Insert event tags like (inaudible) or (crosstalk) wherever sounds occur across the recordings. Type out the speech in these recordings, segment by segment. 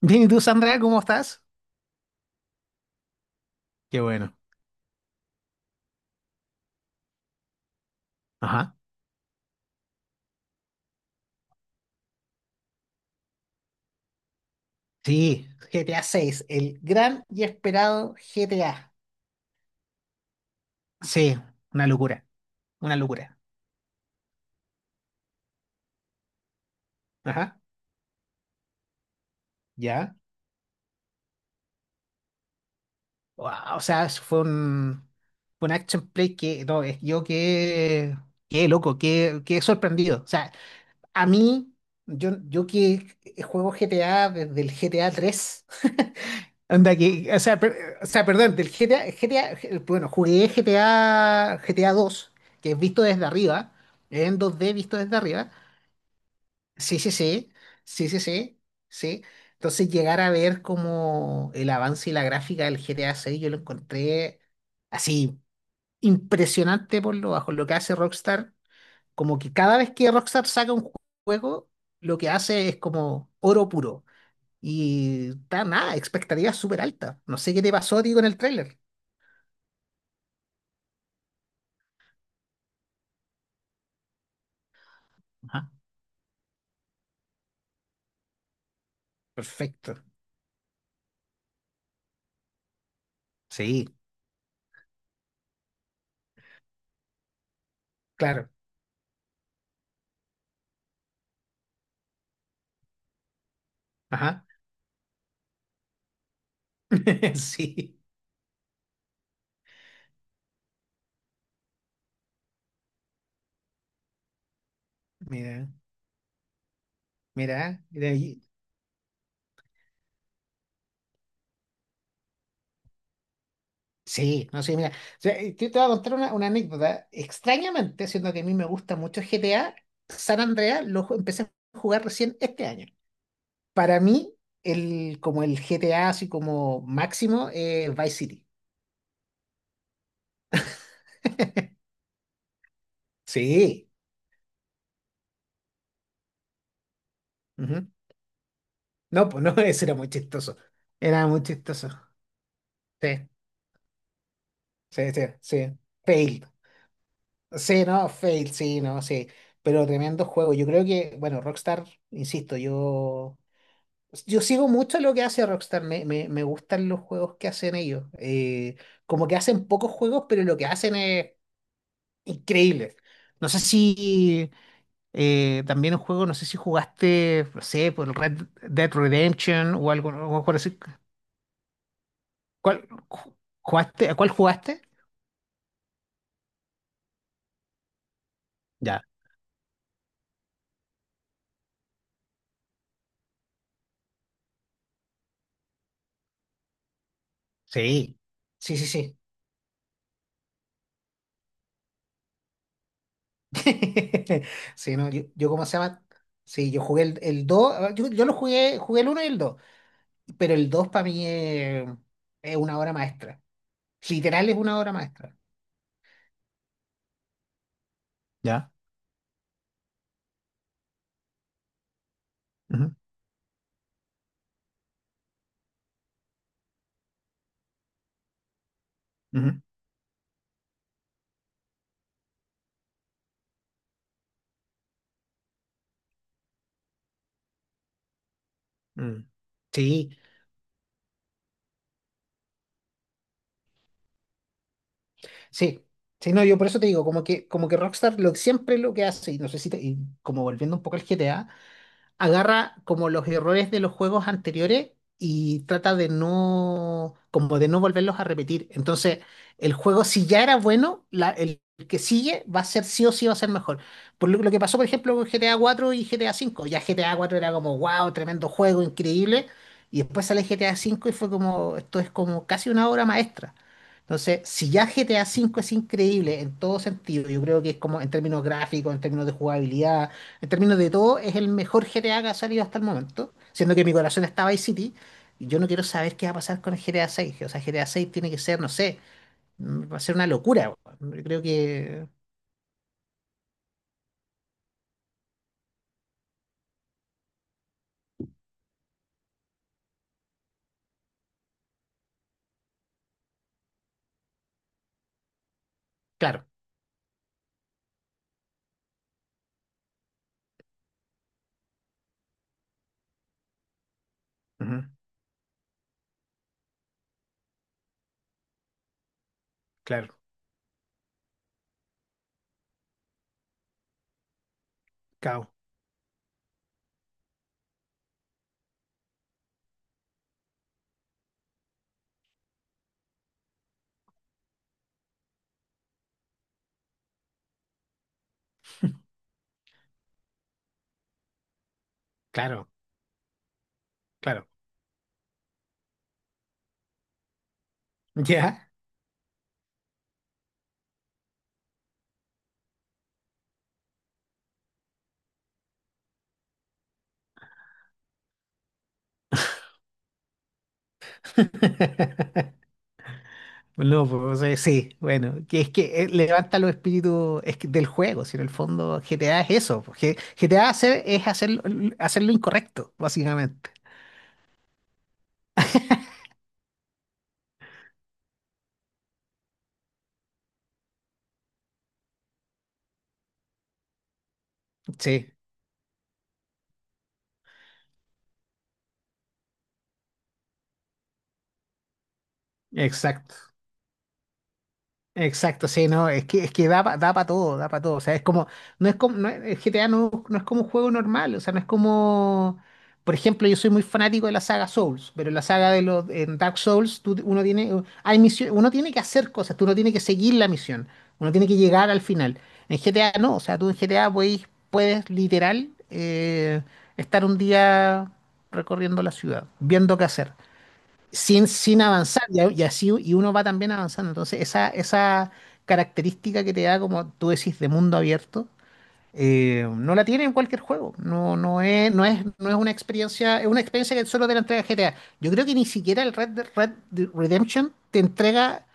Bien, ¿y tú, Sandra, cómo estás? Qué bueno. Ajá. Sí, GTA seis, el gran y esperado GTA. Sí, una locura, una locura. Ajá, ya. Guau, o sea, eso fue un action play que, no, qué loco, qué sorprendido. O sea, a mí, yo que juego GTA desde el GTA tres. (laughs) Onda que, o sea, perdón, bueno, jugué GTA dos, que es visto desde arriba, en 2D visto desde arriba. Sí, sí, sí, sí, sí, sí, sí. Entonces llegar a ver como el avance y la gráfica del GTA seis, yo lo encontré así impresionante por lo bajo, lo que hace Rockstar, como que cada vez que Rockstar saca un juego, lo que hace es como oro puro. Y está nada, expectativa súper alta. No sé qué te pasó a ti con el tráiler. Ajá. Perfecto. Sí, claro. Ajá. (laughs) Sí. Mira, mira, mira ahí. Sí, no sé, mira. O sea, yo te voy a contar una anécdota. Extrañamente, siendo que a mí me gusta mucho GTA, San Andreas empecé a jugar recién este año. Para mí, como el GTA así como máximo, Vice City. (laughs) Sí. Ujú. No, pues no, (laughs) ese era muy chistoso. Era muy chistoso. Sí, sí, sí, sí. Fail. Sí, no, fail, sí, no, sí. Pero tremendo juego. Yo creo que, bueno, Rockstar, insisto, yo sigo mucho lo que hace Rockstar. Me gustan los juegos que hacen ellos. Como que hacen pocos juegos, pero lo que hacen es increíble. No sé si también un juego, no sé si jugaste, no sé, por el Red Dead Redemption algo por así. ¿Cuál, ju- ¿a cuál jugaste? Ya. Sí. Sí, sí, sí. (laughs) Sí, no, yo, ¿cómo se llama? Sí, yo jugué el 2, yo lo jugué el uno y el 2, pero el 2 para mí es una obra maestra. Literal es una obra maestra. Ya. Ujú, ujú, mm. Sí, sí. Sí, no, yo por eso te digo, como que Rockstar lo, siempre lo que hace, y no sé si y como volviendo un poco al GTA, agarra como los errores de los juegos anteriores y trata de no, como de no volverlos a repetir. Entonces, el juego, si ya era bueno, el que sigue va a ser sí o sí va a ser mejor. Por lo que pasó, por ejemplo, con GTA 4 y GTA 5. Ya GTA 4 era como, wow, tremendo juego, increíble. Y después sale GTA 5 y fue como, esto es como casi una obra maestra. Entonces, si ya GTA 5 es increíble en todo sentido, yo creo que es como en términos gráficos, en términos de jugabilidad, en términos de todo, es el mejor GTA que ha salido hasta el momento, siendo que mi corazón está Vice City. Y yo no quiero saber qué va a pasar con el GTA 6. O sea, GTA 6 tiene que ser, no sé, va a ser una locura. Weón. Yo creo que, claro. Ujú. Claro. Cao. Claro, claro. ¿Ya? (laughs) No, pues sí, bueno, que es que levanta los espíritus es que del juego, si en el fondo GTA es eso, porque GTA hacer, hacer lo incorrecto, básicamente. Sí, exacto. Exacto, sí, no, es que da, da para todo, da para todo. O sea, es como, el GTA no es como un juego normal, o sea, no es como, por ejemplo, yo soy muy fanático de la saga Souls, pero en la saga en Dark Souls, uno tiene, hay misión, uno tiene que hacer cosas, tú no tienes que seguir la misión, uno tiene que llegar al final. En GTA no, o sea, tú en GTA puedes literal estar un día recorriendo la ciudad, viendo qué hacer sin avanzar, y así y uno va también avanzando. Entonces, esa característica que te da, como tú decís, de mundo abierto, no la tiene en cualquier juego. No, no es una experiencia, es una experiencia que solo te la entrega GTA. Yo creo que ni siquiera el Red Dead Redemption te entrega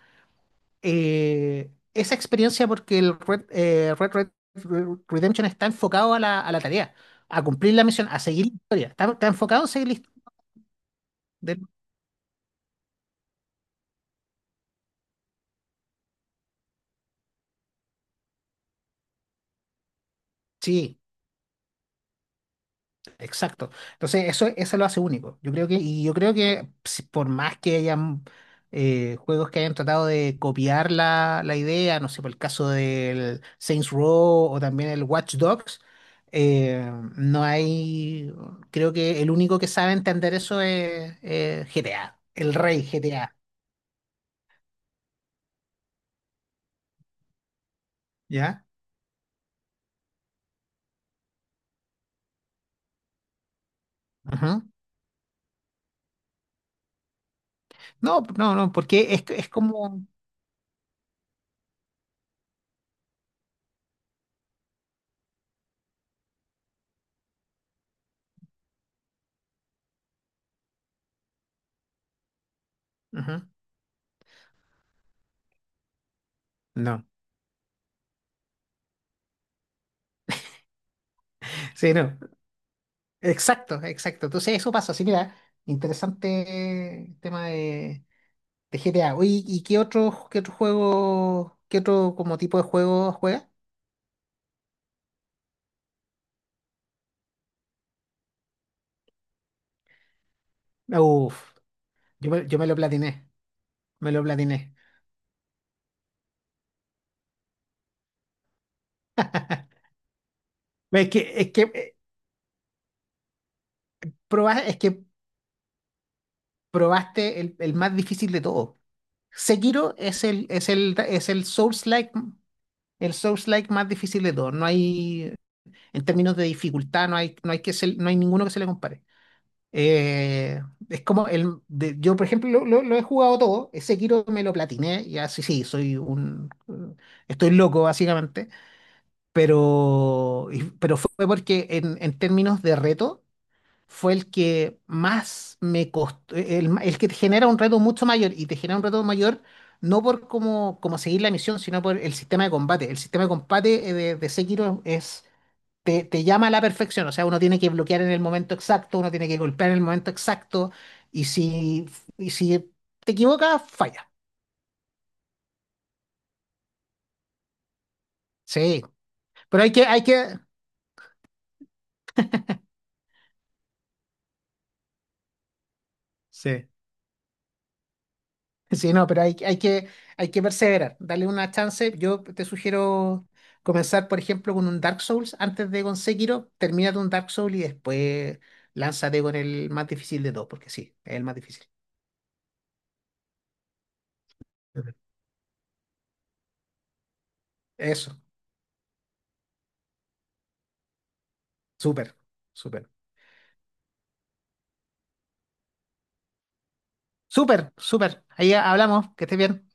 esa experiencia porque el Red Redemption está enfocado a a la tarea, a cumplir la misión, a seguir la historia. Está enfocado a seguir la historia. Exacto. Entonces, eso lo hace único. Y yo creo que por más que hayan juegos que hayan tratado de copiar la idea, no sé, por el caso del Saints Row o también el Watch Dogs, no hay, creo que el único que sabe entender eso es GTA, el rey GTA, ¿ya? Ujú. No, no, no, porque es como... Ujú. No. Sí, no. Exacto, exacto. Entonces eso pasa. Así mira, interesante tema de GTA. Oye, ¿y qué otro juego, qué otro como tipo de juego juegas? Uf, yo me lo platiné, me lo platiné. Es que, es que, eh, es que probaste el más difícil de todo. Sekiro es el el Souls-like más difícil de todo. No hay, en términos de dificultad, no hay ninguno que se le compare. Eh, es como el. De- Yo, por ejemplo, lo he jugado todo. Ese Kiro me lo platiné. Y así sí, soy un. Estoy loco, básicamente. Pero, pero fue porque, en términos de reto, fue el que más me costó. El que te genera un reto mucho mayor. Y te genera un reto mayor, no por cómo seguir la misión, sino por el sistema de combate. El sistema de combate de Sekiro es te llama a la perfección, o sea, uno tiene que bloquear en el momento exacto, uno tiene que golpear en el momento exacto, y si, y si te equivocas, falla. Sí, pero hay que, sí, (laughs) sí, no, pero hay que perseverar, darle una chance. Yo te sugiero comenzar, por ejemplo, con un Dark Souls antes de con Sekiro, termina un Dark Souls y después lánzate con el más difícil de todos, porque sí, es el más difícil. Ujú. Eso, súper, súper, súper, súper. Ahí hablamos, que estés bien.